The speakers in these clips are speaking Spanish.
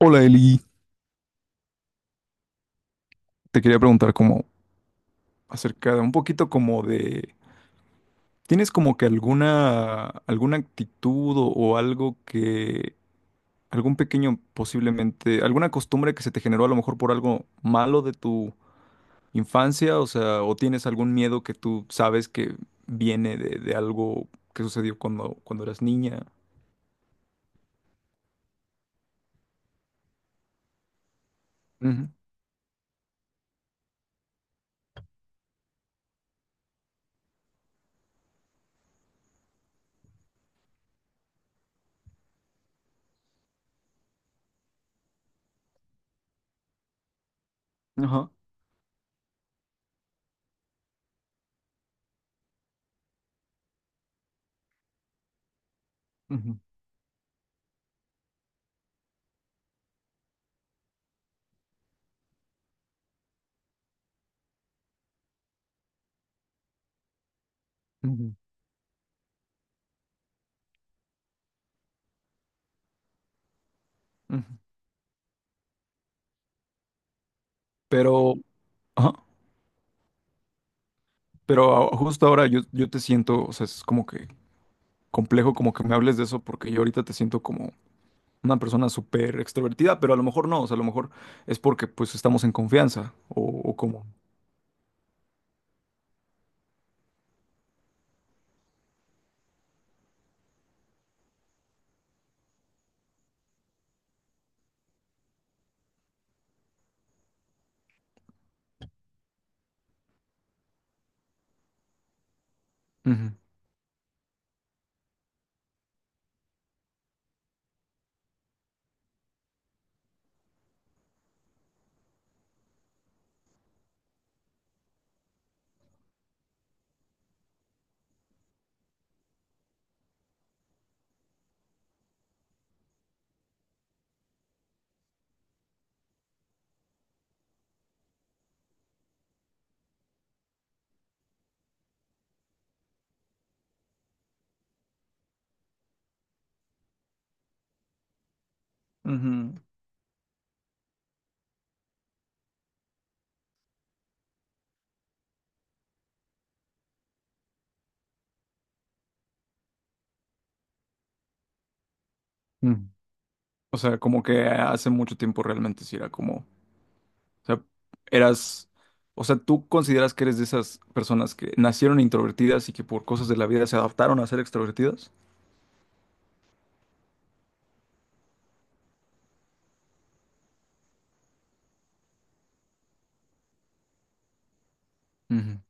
Hola Eli, te quería preguntar como acerca de un poquito como de, ¿tienes como que alguna actitud o algo que algún pequeño posiblemente alguna costumbre que se te generó a lo mejor por algo malo de tu infancia, o sea, o tienes algún miedo que tú sabes que viene de algo que sucedió cuando eras niña? Ujú. Ajá. Ujú. Ujú. Ujú. Pero ajá, pero justo ahora yo te siento, o sea, es como que complejo como que me hables de eso porque yo ahorita te siento como una persona súper extrovertida, pero a lo mejor no, o sea, a lo mejor es porque pues estamos en confianza o como... Ujú. Ujú. Ujú. O sea, como que hace mucho tiempo realmente sí era como, o sea, eras, o sea, ¿tú consideras que eres de esas personas que nacieron introvertidas y que por cosas de la vida se adaptaron a ser extrovertidas? Ujú.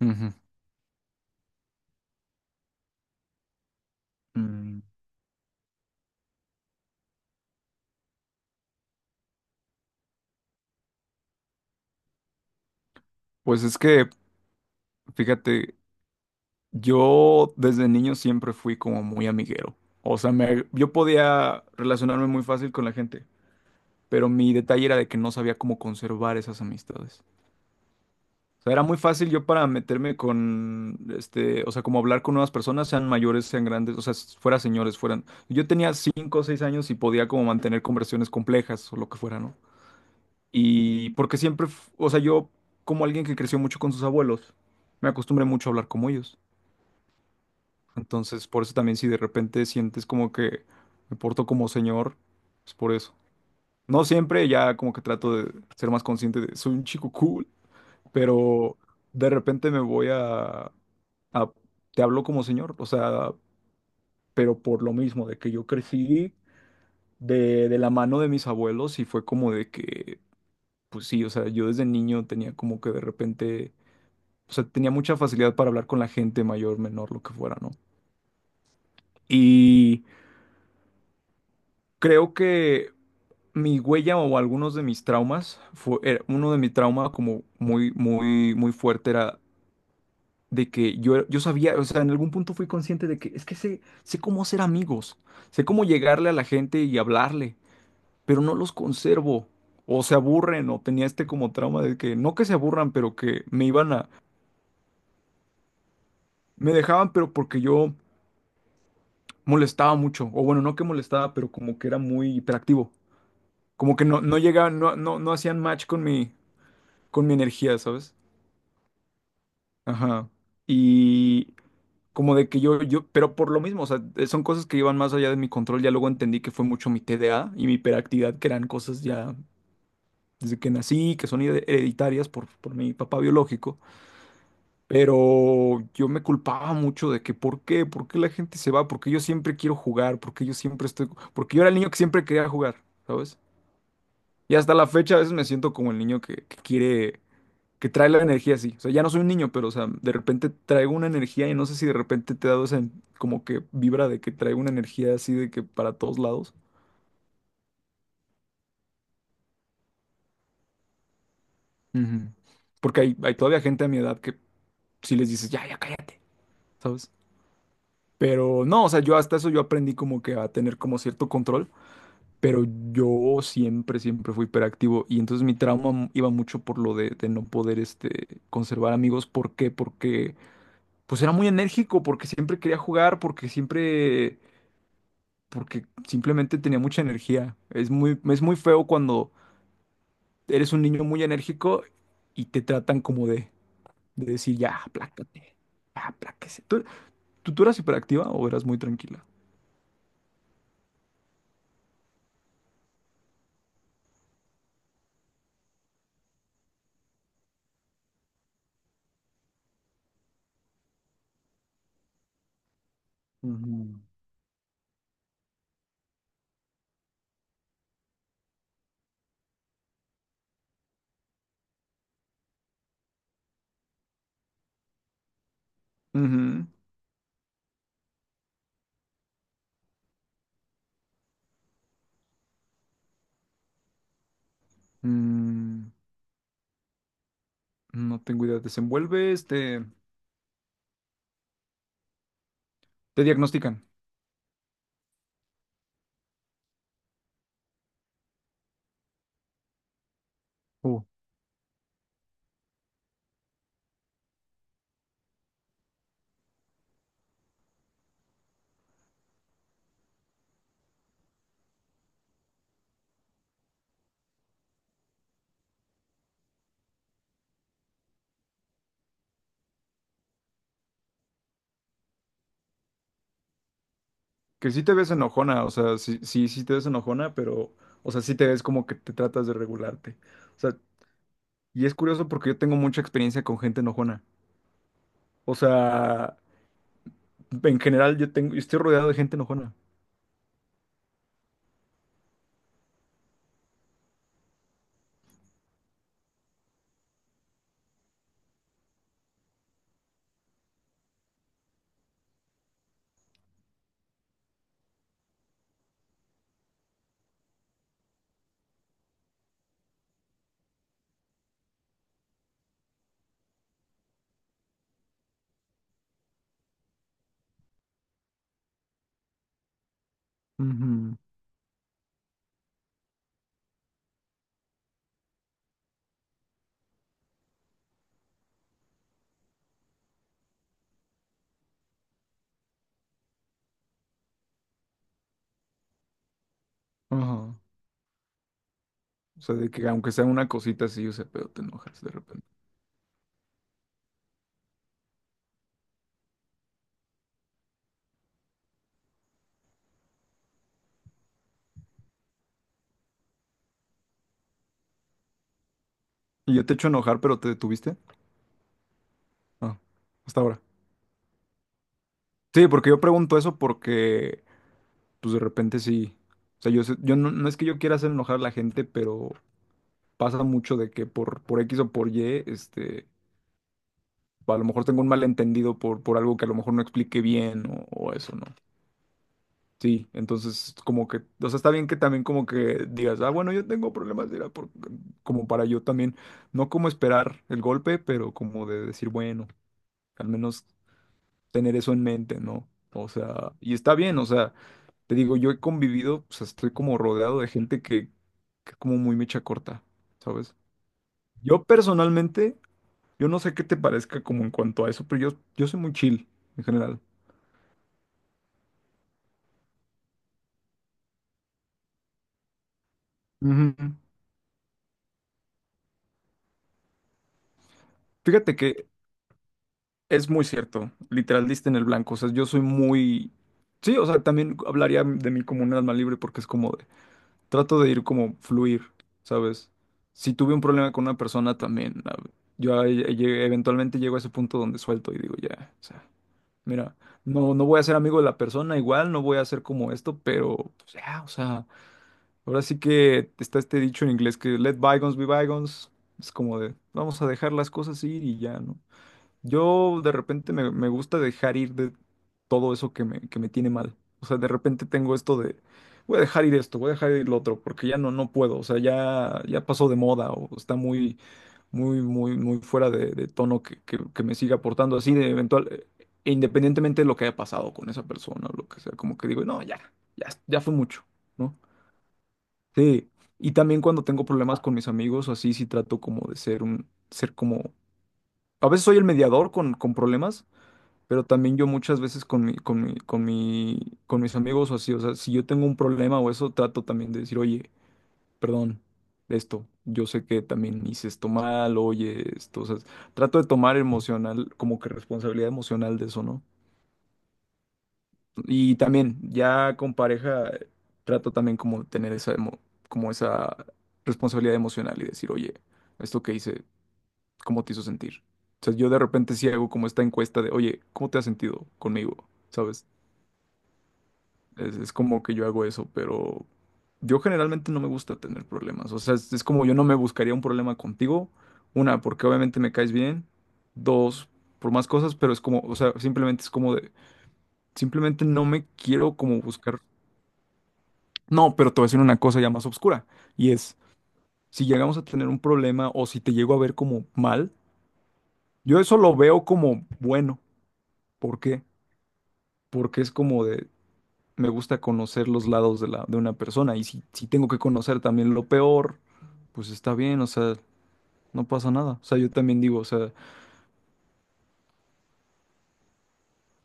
Ujú. Mm. Pues es que, fíjate. Yo desde niño siempre fui como muy amiguero. O sea, yo podía relacionarme muy fácil con la gente, pero mi detalle era de que no sabía cómo conservar esas amistades. O sea, era muy fácil yo para meterme con, este, o sea, como hablar con nuevas personas, sean mayores, sean grandes, o sea, fuera señores, fueran. Yo tenía cinco o seis años y podía como mantener conversaciones complejas o lo que fuera, ¿no? Y porque siempre, o sea, yo como alguien que creció mucho con sus abuelos, me acostumbré mucho a hablar como ellos. Entonces, por eso también si de repente sientes como que me porto como señor, es por eso. No siempre, ya como que trato de ser más consciente de soy un chico cool, pero de repente me voy a, a- te hablo como señor, o sea, pero por lo mismo, de que yo crecí de la mano de mis abuelos y fue como de que, pues sí, o sea, yo desde niño tenía como que de repente, o sea, tenía mucha facilidad para hablar con la gente mayor, menor, lo que fuera, ¿no? Y creo que... Mi huella o algunos de mis traumas, fue, uno de mis traumas como muy, muy, muy fuerte era de que yo, yo sabía, o sea, en algún punto fui consciente de que es que sé, sé cómo hacer amigos, sé cómo llegarle a la gente y hablarle, pero no los conservo, o se aburren, o tenía este como trauma de que no que se aburran, pero que me iban a, me dejaban, pero porque yo molestaba mucho, o bueno, no que molestaba, pero como que era muy hiperactivo, como que no, no llegaban, no, no, no hacían match con mi energía, ¿sabes? Ajá. Y como de que yo, pero por lo mismo, o sea, son cosas que iban más allá de mi control. Ya luego entendí que fue mucho mi TDA y mi hiperactividad, que eran cosas ya desde que nací, que son hereditarias por mi papá biológico. Pero yo me culpaba mucho de que, ¿por qué? ¿Por qué la gente se va? ¿Porque yo siempre quiero jugar? ¿Porque yo siempre estoy...? Porque yo era el niño que siempre quería jugar, ¿sabes? Y hasta la fecha a veces me siento como el niño que quiere que trae la energía así. O sea, ya no soy un niño, pero, o sea, de repente traigo una energía y no sé si de repente te he dado esa como que vibra de que traigo una energía así de que para todos lados. Ujú. Porque hay todavía gente a mi edad que si les dices, ya, ya cállate, ¿sabes? Pero no, o sea, yo hasta eso yo aprendí como que a tener como cierto control, pero yo siempre, siempre fui hiperactivo y entonces mi trauma iba mucho por lo de no poder este, conservar amigos. ¿Por qué? Porque pues era muy enérgico, porque siempre quería jugar, porque siempre porque simplemente tenía mucha energía. Es muy feo cuando eres un niño muy enérgico y te tratan como de decir, ya, aplácate, ya, apláquese. ¿Tú, tú eras hiperactiva o eras muy tranquila? Ujú. Ujú. Mm, no tengo idea. Desenvuelve este te diagnostican. Uh, que sí te ves enojona, o sea, sí, sí, sí te ves enojona, pero, o sea, sí te ves como que te tratas de regularte. O sea, y es curioso porque yo tengo mucha experiencia con gente enojona. O sea, en general, yo tengo, yo estoy rodeado de gente enojona. Ujú. Ajá. O sea, de que aunque sea una cosita así, o sea, pero te enojas de repente. Y yo te echo a enojar, pero te detuviste. Ah, hasta ahora. Sí, porque yo pregunto eso porque, pues de repente sí. O sea, yo, yo no, no es que yo quiera hacer enojar a la gente, pero pasa mucho de que por X o por Y, este, a lo mejor tengo un malentendido por algo que a lo mejor no expliqué bien o eso, ¿no? Sí, entonces como que, o sea, está bien que también como que digas, ah, bueno, yo tengo problemas de ira como para yo también, no como esperar el golpe, pero como de decir, bueno, al menos tener eso en mente, ¿no? O sea, y está bien, o sea, te digo, yo he convivido, o sea, estoy como rodeado de gente que es como muy mecha corta, ¿sabes? Yo personalmente, yo no sé qué te parezca como en cuanto a eso, pero yo soy muy chill en general. Ujú. Fíjate que es muy cierto, literal diste en el blanco, o sea, yo soy muy... Sí, o sea, también hablaría de mí como un alma libre porque es como de... Trato de ir como fluir, ¿sabes? Si tuve un problema con una persona también, eventualmente llego a ese punto donde suelto y digo, ya, o sea, mira, no, no voy a ser amigo de la persona igual, no voy a hacer como esto, pero pues, ya, o sea, ahora sí que está este dicho en inglés que let bygones be bygones, es como de, vamos a dejar las cosas ir y ya, ¿no? Yo de repente me gusta dejar ir de todo eso que me tiene mal. O sea, de repente tengo esto de, voy a dejar ir esto, voy a dejar ir lo otro, porque ya no, no puedo. O sea, ya, ya pasó de moda o está muy, muy, muy, muy fuera de tono que, que me siga aportando así de eventual, e independientemente de lo que haya pasado con esa persona o lo que sea, como que digo, no, ya, ya, ya fue mucho, ¿no? Sí. Y también cuando tengo problemas con mis amigos o así, sí trato como de ser un, ser como... A veces soy el mediador con problemas pero también yo muchas veces con mi, con mis amigos o así, o sea, si yo tengo un problema o eso, trato también de decir, oye, perdón, esto, yo sé que también hice esto mal, oye, esto, o sea, trato de tomar emocional, como que responsabilidad emocional de eso, ¿no? Y también, ya con pareja, trato también como de tener esa, como esa responsabilidad emocional y decir, oye, esto que hice, ¿cómo te hizo sentir? O sea, yo de repente sí hago como esta encuesta de, oye, ¿cómo te has sentido conmigo? ¿Sabes? Es como que yo hago eso, pero yo generalmente no me gusta tener problemas. O sea, es como yo no me buscaría un problema contigo. Una, porque obviamente me caes bien. Dos, por más cosas, pero es como, o sea, simplemente es como de, simplemente no me quiero como buscar. No, pero te voy a decir una cosa ya más oscura. Y es, si llegamos a tener un problema o si te llego a ver como mal, yo eso lo veo como bueno. ¿Por qué? Porque es como de, me gusta conocer los lados de la, de una persona. Y si, si tengo que conocer también lo peor, pues está bien, o sea, no pasa nada. O sea, yo también digo,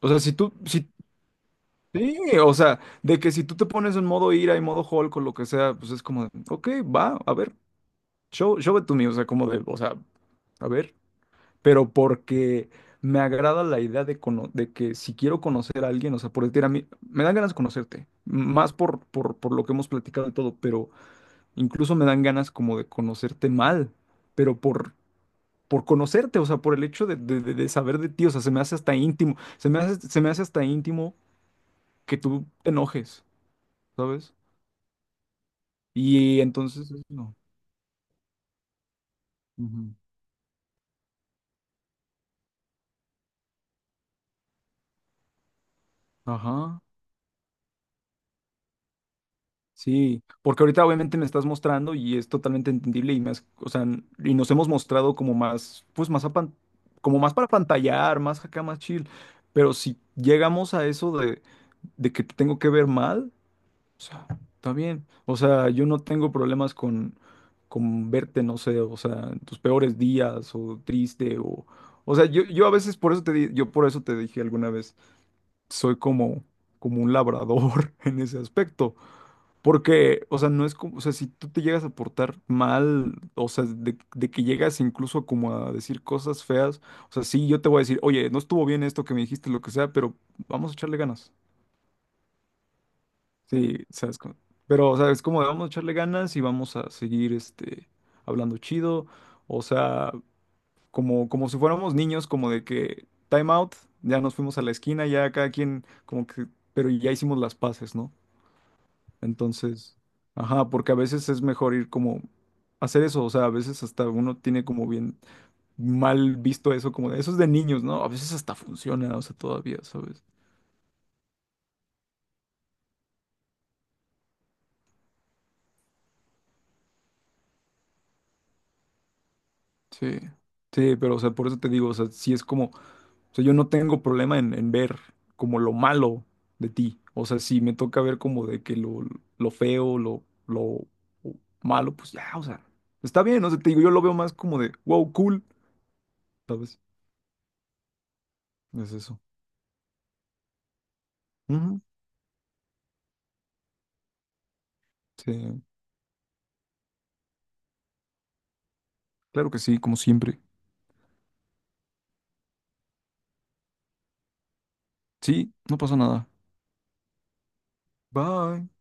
o sea, si tú, si, sí, o sea, de que si tú te pones en modo ira y modo Hulk o lo que sea, pues es como de, ok, va, a ver, show, show it to me, o sea, como de, o sea, a ver. Pero porque me agrada la idea de, de que si quiero conocer a alguien, o sea, por decir a mí, me dan ganas de conocerte, más por lo que hemos platicado y todo, pero incluso me dan ganas como de conocerte mal, pero por conocerte, o sea, por el hecho de, de saber de ti, o sea, se me hace hasta íntimo, se me hace hasta íntimo que tú te enojes, ¿sabes? Y entonces, eso no. Ujú. Ajá, sí, porque ahorita obviamente me estás mostrando y es totalmente entendible y más, o sea, y nos hemos mostrado como más, pues más a como más para pantallar, más acá, más chill, pero si llegamos a eso de que te tengo que ver mal. O sea, está bien. O sea, yo no tengo problemas con verte, no sé, o sea, en tus peores días o triste o... O sea, yo a veces por eso te yo por eso te dije alguna vez, soy como, como un labrador en ese aspecto. Porque, o sea, no es como, o sea, si tú te llegas a portar mal, o sea, de que llegas incluso como a decir cosas feas, o sea, sí, yo te voy a decir, oye, no estuvo bien esto que me dijiste, lo que sea, pero vamos a echarle ganas. Sí, sabes, pero, o sea, es como vamos a echarle ganas y vamos a seguir, este, hablando chido, o sea, como, como si fuéramos niños, como de que time out, ya nos fuimos a la esquina, ya cada quien, como que, pero ya hicimos las paces, ¿no? Entonces, ajá, porque a veces es mejor ir como, hacer eso, o sea, a veces hasta uno tiene como bien mal visto eso, como de, eso es de niños, ¿no? A veces hasta funciona, o sea, todavía, ¿sabes? Sí, sí, pero, o sea, por eso te digo, o sea, sí es como... O sea, yo no tengo problema en ver como lo malo de ti. O sea, si me toca ver como de que lo feo, lo malo, pues ya, o sea, está bien, o sea, te digo, yo lo veo más como de, wow, cool, ¿sabes? Es eso. Ujú. Sí, claro que sí, como siempre. Sí, no pasa nada. Bye.